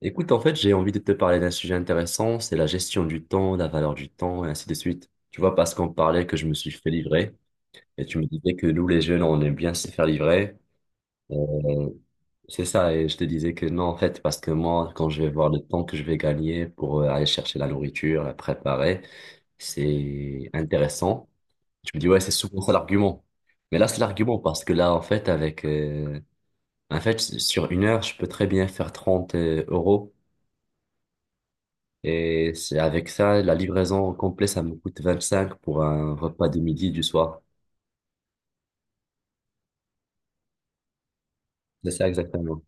Écoute, en fait, j'ai envie de te parler d'un sujet intéressant, c'est la gestion du temps, la valeur du temps, et ainsi de suite. Tu vois, parce qu'on parlait que je me suis fait livrer, et tu me disais que nous, les jeunes, on aime bien se faire livrer. Euh, c'est ça, et je te disais que non, en fait, parce que moi, quand je vais voir le temps que je vais gagner pour aller chercher la nourriture, la préparer, c'est intéressant. Tu me dis, ouais, c'est souvent ça l'argument. Mais là, c'est l'argument parce que là, en fait, en fait, sur une heure, je peux très bien faire 30 euros. Et c'est avec ça, la livraison au complet, ça me coûte 25 pour un repas de midi du soir. C'est ça exactement.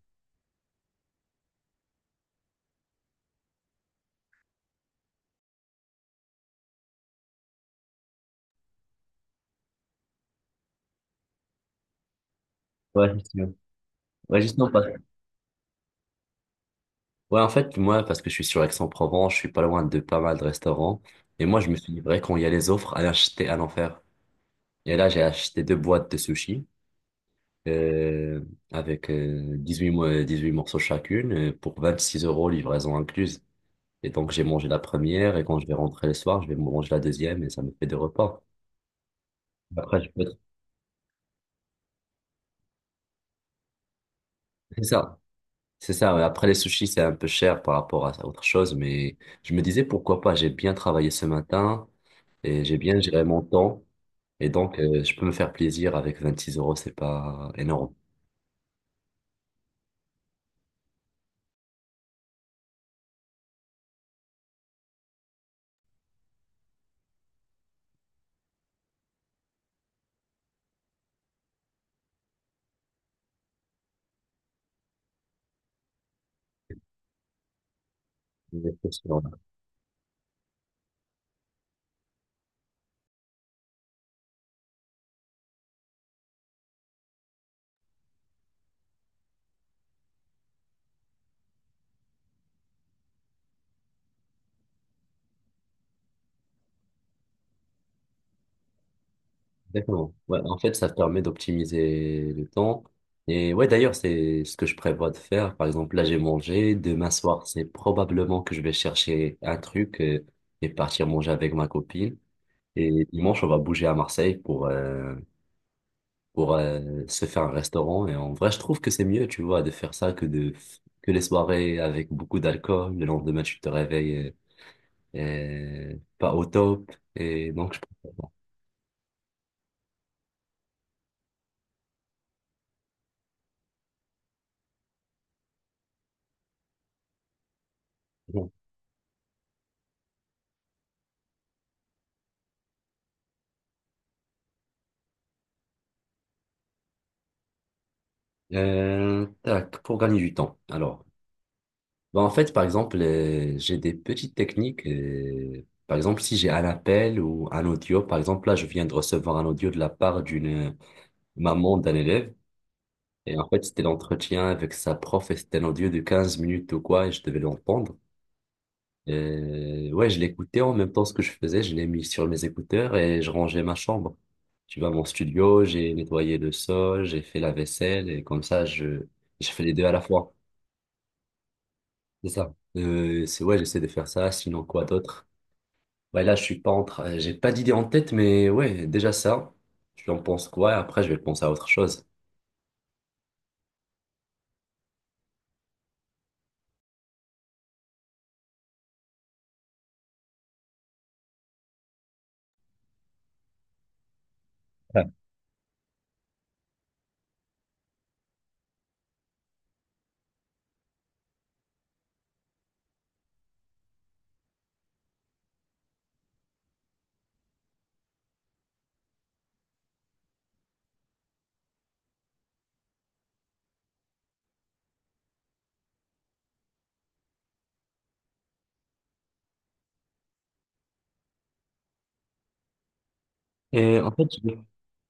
Ouais, justement. Ouais, justement, parce- ouais, en fait, moi, parce que je suis sur Aix-en-Provence, je suis pas loin de pas mal de restaurants. Et moi, je me suis livré quand il y a les offres, à acheter à l'enfer. Et là, j'ai acheté deux boîtes de sushis euh, avec 18 morceaux chacune, pour 26 euros, livraison incluse. Et donc, j'ai mangé la première et quand je vais rentrer le soir, je vais manger la deuxième et ça me fait deux repas. Après, je peux... C'est ça. C'est ça, ouais. Après les sushis, c'est un peu cher par rapport à autre chose, mais je me disais pourquoi pas, j'ai bien travaillé ce matin et j'ai bien géré mon temps et donc je peux me faire plaisir avec 26 euros, c'est pas énorme. Exactement. Ouais, en fait, ça te permet d'optimiser le temps. Et ouais, d'ailleurs, c'est ce que je prévois de faire. Par exemple, là, j'ai mangé. Demain soir, c'est probablement que je vais chercher un truc et partir manger avec ma copine. Et dimanche, on va bouger à Marseille pour se faire un restaurant. Et en vrai, je trouve que c'est mieux, tu vois, de faire ça que de que les soirées avec beaucoup d'alcool. Le lendemain, tu te réveilles pas au top. Et donc, je comprends. Pour gagner du temps. Alors, bah, en fait, par exemple, j'ai des petites techniques. Par exemple, si j'ai un appel ou un audio, par exemple, là, je viens de recevoir un audio de la part d'une maman d'un élève. Et en fait, c'était l'entretien avec sa prof et c'était un audio de 15 minutes ou quoi, et je devais l'entendre. Ouais, je l'écoutais en même temps ce que je faisais, je l'ai mis sur mes écouteurs et je rangeais ma chambre. Tu vois, mon studio, j'ai nettoyé le sol, j'ai fait la vaisselle et comme ça, je fais les deux à la fois. C'est ça. C'est Ouais, j'essaie de faire ça, sinon quoi d'autre? Ouais, là, je suis pas en train, j'ai pas d'idée en tête, mais ouais, déjà ça. Je en pense quoi? Et après, je vais penser à autre chose. Et en fait, je, le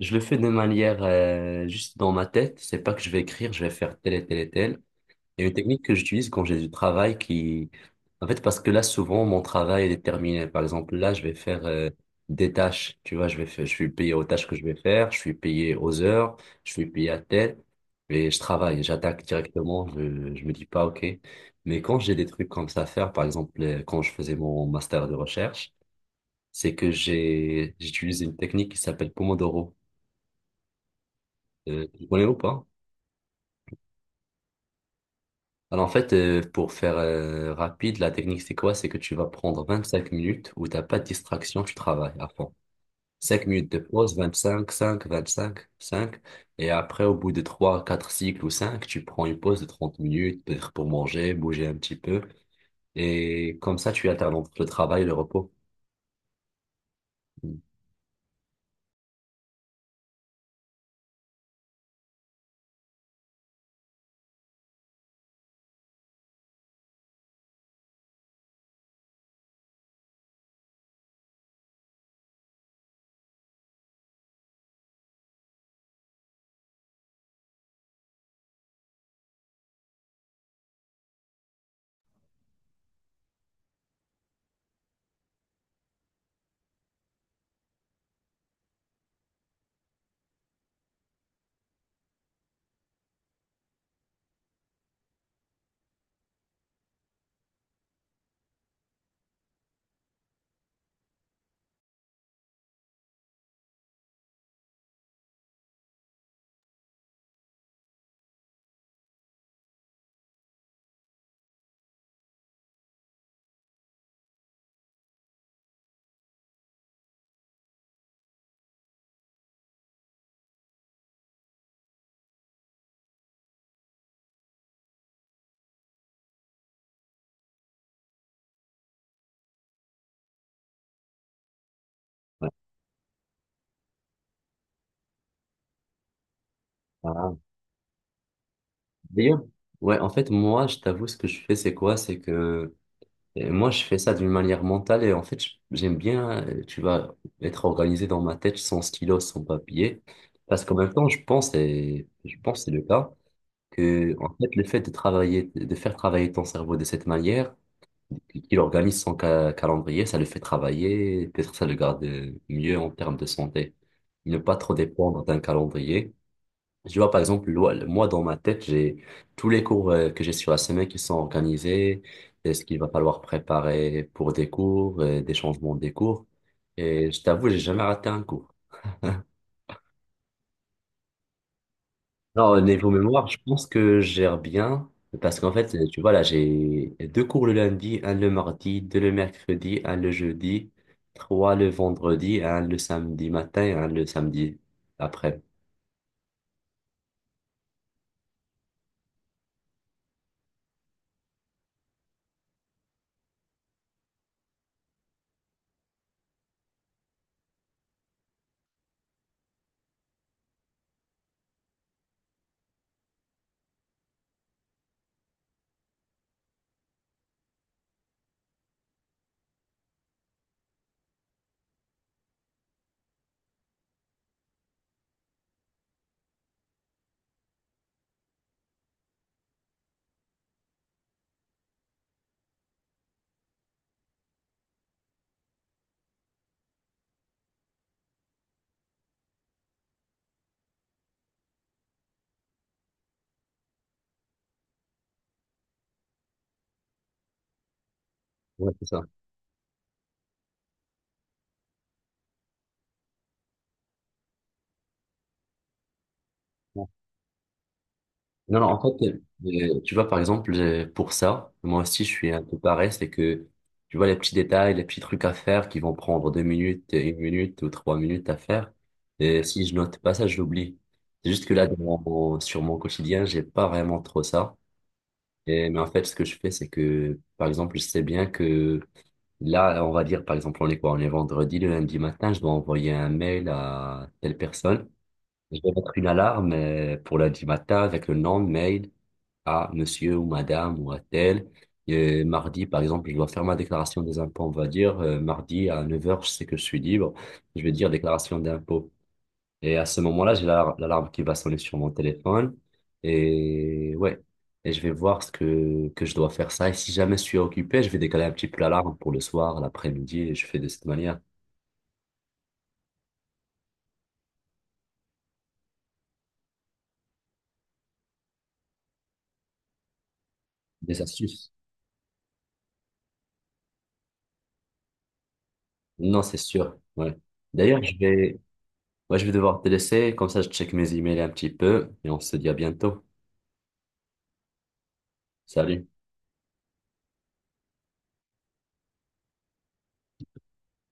je le fais de manière juste dans ma tête. C'est pas que je vais écrire, je vais faire tel et tel et tel. Il y a une technique que j'utilise quand j'ai du travail qui, en fait, parce que là, souvent, mon travail est déterminé. Par exemple, là, je vais faire des tâches. Tu vois, je vais faire, je suis payé aux tâches que je vais faire, je suis payé aux heures, je suis payé à telle, et je travaille, j'attaque directement. Je me dis pas, OK. Mais quand j'ai des trucs comme ça à faire, par exemple, quand je faisais mon master de recherche, c'est que j'utilise une technique qui s'appelle Pomodoro. Tu connais ou pas? Alors en fait, pour faire rapide, la technique c'est quoi? C'est que tu vas prendre 25 minutes où t'as pas de distraction, tu travailles à fond. Cinq minutes de pause, vingt-cinq cinq et après, au bout de 3 4 cycles ou 5 tu prends une pause de 30 minutes, peut-être pour manger, bouger un petit peu. Et comme ça, tu alternes entre le travail et le repos. Ouais. Ah. Ah. D'ailleurs, ouais, en fait, moi, je t'avoue, ce que je fais, c'est quoi? C'est que Et moi, je fais ça d'une manière mentale et en fait, j'aime bien, tu vas être organisé dans ma tête sans stylo, sans papier. Parce qu'en même temps, je pense, et je pense que c'est le cas, que en fait, le fait de travailler, de faire travailler ton cerveau de cette manière, qu'il organise son calendrier, ça le fait travailler, peut-être ça le garde mieux en termes de santé. Ne pas trop dépendre d'un calendrier. Tu vois, par exemple, moi, dans ma tête, j'ai tous les cours que j'ai sur la semaine qui sont organisés, et ce qu'il va falloir préparer pour des cours, et des changements des cours. Et je t'avoue, j'ai jamais raté un cours. Non, au niveau mémoire, je pense que je gère bien, parce qu'en fait, tu vois, là, j'ai deux cours le lundi, un le mardi, deux le mercredi, un le jeudi, trois le vendredi, un le samedi matin et un le samedi après. Ouais, c'est ça. Non, non, en fait, tu vois, par exemple, pour ça, moi aussi, je suis un peu pareil, c'est que, tu vois, les petits détails, les petits trucs à faire qui vont prendre deux minutes, une minute ou trois minutes à faire, et si je note pas ça, je l'oublie. C'est juste que là, sur mon quotidien, j'ai pas vraiment trop ça. Et, mais en fait, ce que je fais, c'est que, par exemple, je sais bien que là, on va dire, par exemple, on est quoi? On est vendredi, le lundi matin, je dois envoyer un mail à telle personne. Je vais mettre une alarme pour lundi matin avec le nom, mail à monsieur ou madame ou à tel. Et mardi, par exemple, je dois faire ma déclaration des impôts, on va dire. Mardi à neuf heures je sais que je suis libre. Je vais dire déclaration d'impôts. Et à ce moment-là, l'alarme qui va sonner sur mon téléphone. Et ouais, et je vais voir ce que je dois faire ça. Et si jamais je suis occupé, je vais décaler un petit peu l'alarme pour le soir, l'après-midi. Et je fais de cette manière. Des astuces. Non, c'est sûr. Ouais. D'ailleurs, je vais, ouais, je vais devoir te laisser. Comme ça, je check mes emails un petit peu. Et on se dit à bientôt. Salut.